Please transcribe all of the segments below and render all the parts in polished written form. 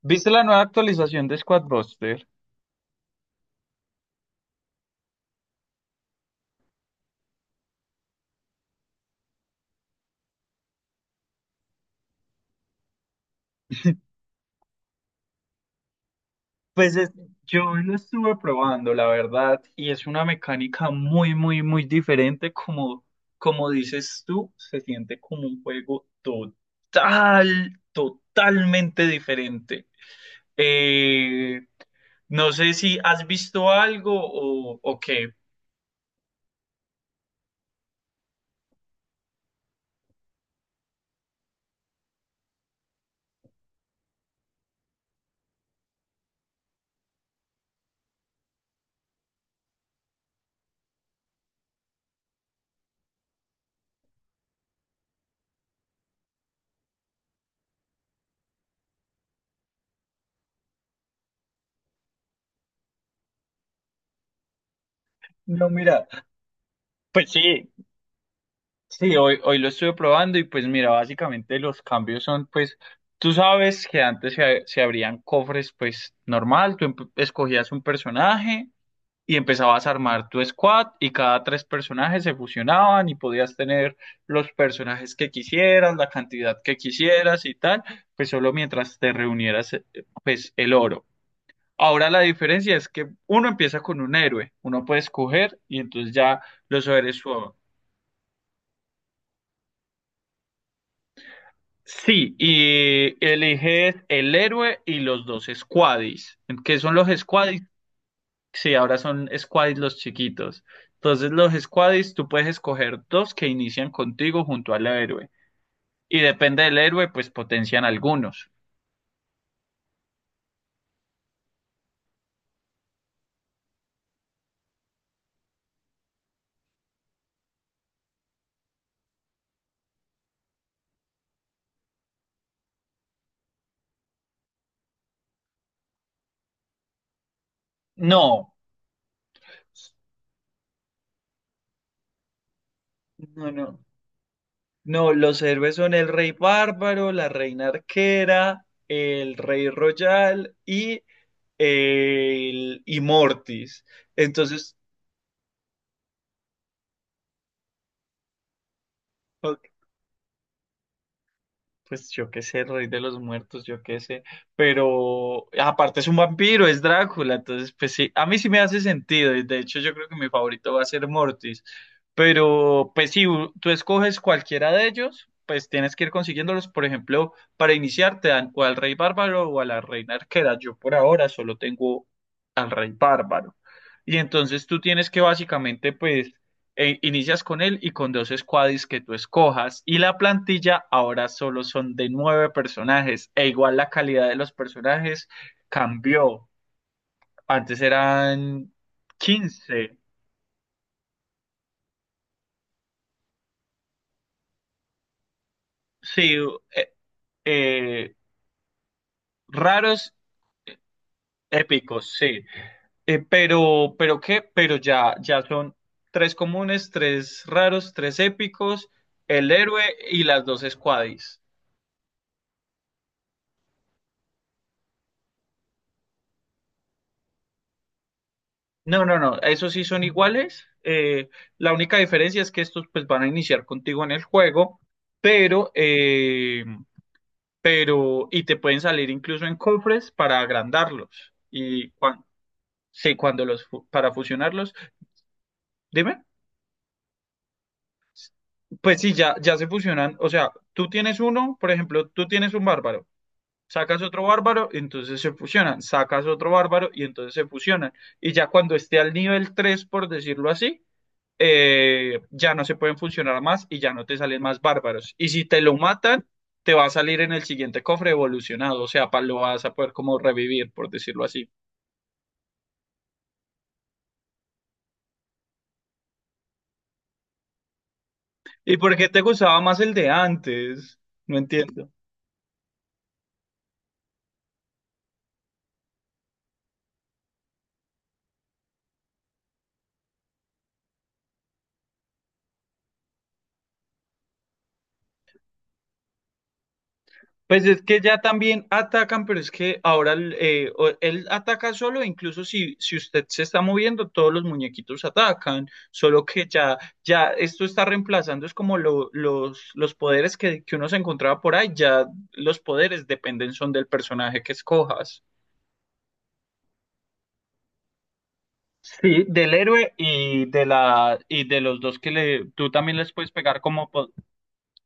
¿Viste la nueva actualización de Squadbuster? Pues yo lo estuve probando, la verdad, y es una mecánica muy, muy, muy diferente. Como dices tú, se siente como un juego totalmente diferente. Eh, no sé si has visto algo o qué. No, mira, pues sí. Sí, hoy lo estuve probando y pues mira, básicamente los cambios son pues, tú sabes que antes se abrían cofres pues normal, tú escogías un personaje y empezabas a armar tu squad y cada tres personajes se fusionaban y podías tener los personajes que quisieras, la cantidad que quisieras y tal, pues solo mientras te reunieras, pues el oro. Ahora la diferencia es que uno empieza con un héroe, uno puede escoger y entonces ya los héroes. Sí, y eliges el héroe y los dos squaddies. ¿Qué son los squaddies? Sí, ahora son squaddies los chiquitos. Entonces, los squaddies, tú puedes escoger dos que inician contigo junto al héroe. Y depende del héroe, pues potencian algunos. No, no, no. No, los héroes son el rey bárbaro, la reina arquera, el rey royal y el y Mortis. Entonces. Pues yo qué sé, rey de los muertos, yo qué sé. Pero aparte es un vampiro, es Drácula. Entonces, pues sí, a mí sí me hace sentido. Y de hecho, yo creo que mi favorito va a ser Mortis. Pero, pues si tú escoges cualquiera de ellos, pues tienes que ir consiguiéndolos. Por ejemplo, para iniciar te dan o al rey bárbaro o a la reina arquera. Yo por ahora solo tengo al rey bárbaro. Y entonces tú tienes que básicamente, pues, inicias con él y con dos squaddies que tú escojas. Y la plantilla ahora solo son de nueve personajes. E igual la calidad de los personajes cambió. Antes eran 15. Sí, eh, eh, raros, épicos, sí. Pero qué, pero ya son tres comunes, tres raros, tres épicos, el héroe y las dos squaddies. No, no, no, esos sí son iguales. La única diferencia es que estos pues van a iniciar contigo en el juego, pero, y te pueden salir incluso en cofres para agrandarlos. Y cuando, sí, para fusionarlos, dime, pues sí, ya se fusionan. O sea, tú tienes uno, por ejemplo, tú tienes un bárbaro, sacas otro bárbaro, entonces se fusionan, sacas otro bárbaro y entonces se fusionan. Y ya cuando esté al nivel 3, por decirlo así, ya no se pueden funcionar más y ya no te salen más bárbaros. Y si te lo matan, te va a salir en el siguiente cofre evolucionado, o sea, lo vas a poder como revivir, por decirlo así. ¿Y por qué te gustaba más el de antes? No entiendo. Pues es que ya también atacan, pero es que ahora él ataca solo, incluso si usted se está moviendo, todos los muñequitos atacan, solo que ya esto está reemplazando, es como los poderes que uno se encontraba por ahí, ya los poderes dependen son del personaje que escojas. Sí, del héroe y y de los dos que le, tú también les puedes pegar como...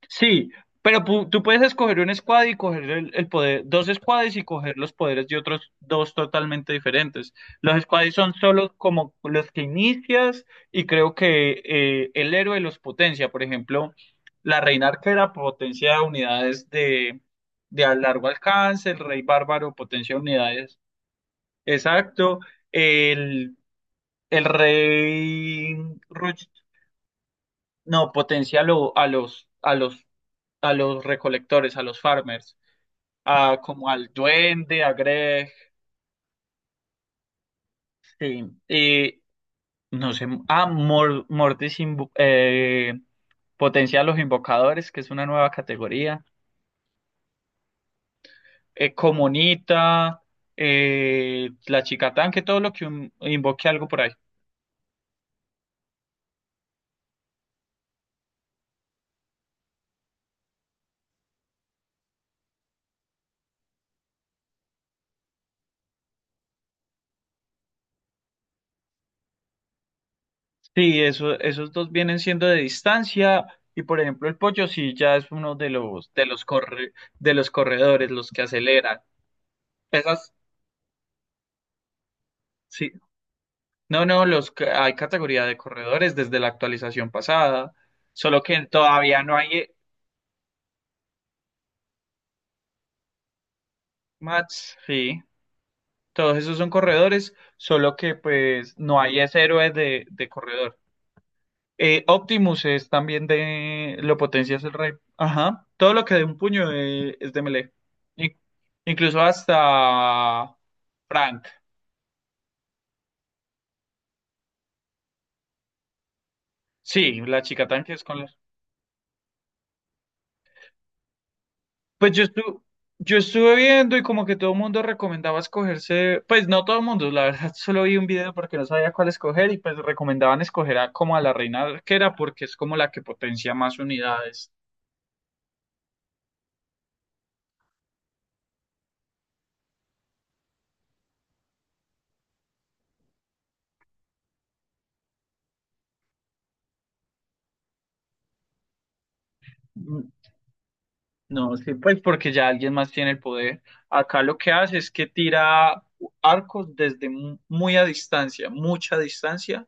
Sí, pero tú puedes escoger un squad y coger el poder, dos squads y coger los poderes de otros dos totalmente diferentes. Los squads son solo como los que inicias y creo que, el héroe los potencia. Por ejemplo, la reina arquera potencia unidades de a largo alcance, el rey bárbaro potencia unidades. Exacto. El, el rey Rush, no, potencia a los a los recolectores, a los farmers, a como al duende, a Greg, sí, y no sé, a Mortis potencia a los invocadores, que es una nueva categoría, Comunita, la chica tanque, todo lo que invoque algo por ahí. Sí, eso, esos dos vienen siendo de distancia. Y por ejemplo, el pollo sí ya es uno de los corredores, los que aceleran. Esas, sí. No, no, hay categoría de corredores desde la actualización pasada, solo que todavía no hay, mats, sí, todos esos son corredores, solo que pues no hay ese héroe de corredor. Optimus es también lo potencia es el rey, ajá, todo lo que de un puño, es de melee, In- incluso hasta Frank, sí, la chica tanque es con la... Pues yo estuve viendo y como que todo el mundo recomendaba escogerse, pues no todo el mundo, la verdad, solo vi un video porque no sabía cuál escoger y pues recomendaban escoger como a la reina arquera porque es como la que potencia más unidades. Mm, No, sí, pues porque ya alguien más tiene el poder. Acá lo que hace es que tira arcos desde muy a distancia, mucha distancia,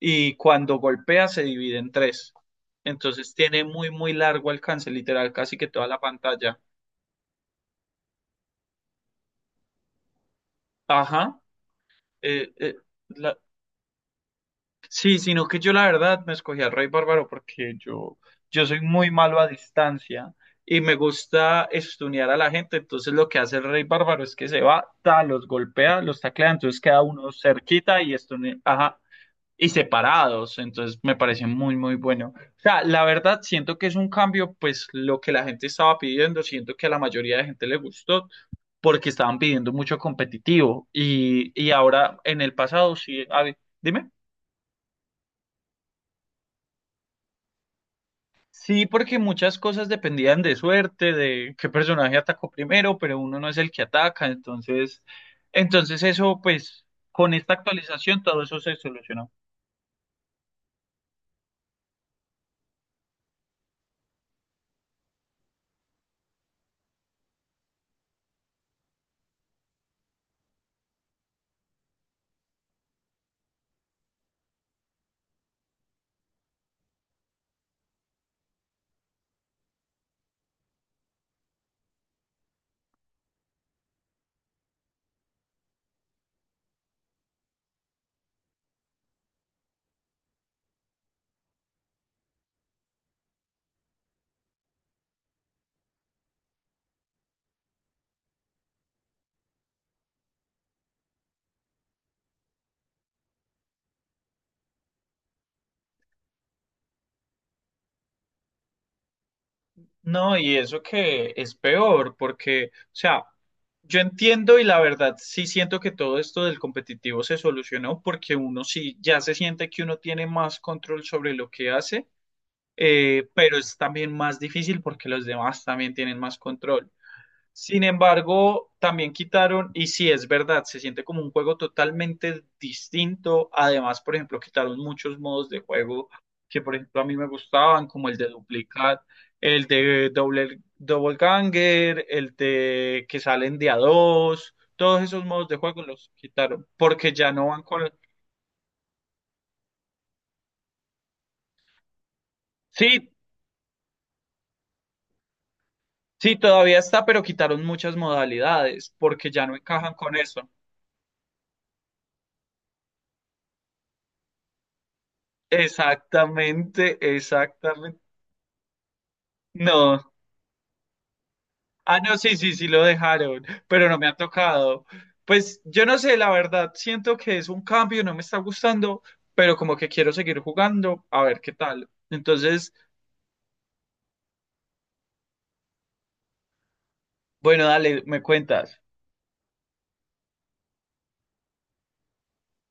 y cuando golpea se divide en tres. Entonces tiene muy, muy largo alcance, literal, casi que toda la pantalla. Ajá. eh, eh, la- sí, sino que yo la verdad me escogí al Rey Bárbaro porque yo soy muy malo a distancia y me gusta estunear a la gente. Entonces lo que hace el Rey Bárbaro es que se va, ta, los golpea, los taclea, entonces queda uno cerquita y estunea, ajá, y separados. Entonces me parece muy, muy bueno. O sea, la verdad siento que es un cambio, pues lo que la gente estaba pidiendo, siento que a la mayoría de gente le gustó porque estaban pidiendo mucho competitivo y ahora en el pasado sí, a ver, dime. Sí, porque muchas cosas dependían de suerte, de qué personaje atacó primero, pero uno no es el que ataca, entonces, eso, pues, con esta actualización todo eso se solucionó. No, y eso que es peor, porque, o sea, yo entiendo y la verdad sí siento que todo esto del competitivo se solucionó porque uno sí ya se siente que uno tiene más control sobre lo que hace, pero es también más difícil porque los demás también tienen más control. Sin embargo, también quitaron, y sí es verdad, se siente como un juego totalmente distinto. Además, por ejemplo, quitaron muchos modos de juego que, por ejemplo, a mí me gustaban, como el de duplicar, el de doble, double ganger, el de que salen de a dos, todos esos modos de juego los quitaron porque ya no van con... Sí. Sí, todavía está, pero quitaron muchas modalidades porque ya no encajan con eso. Exactamente, exactamente. No. Ah, no, sí, sí, sí lo dejaron, pero no me ha tocado. Pues yo no sé, la verdad, siento que es un cambio, no me está gustando, pero como que quiero seguir jugando, a ver qué tal. Entonces, bueno, dale, me cuentas.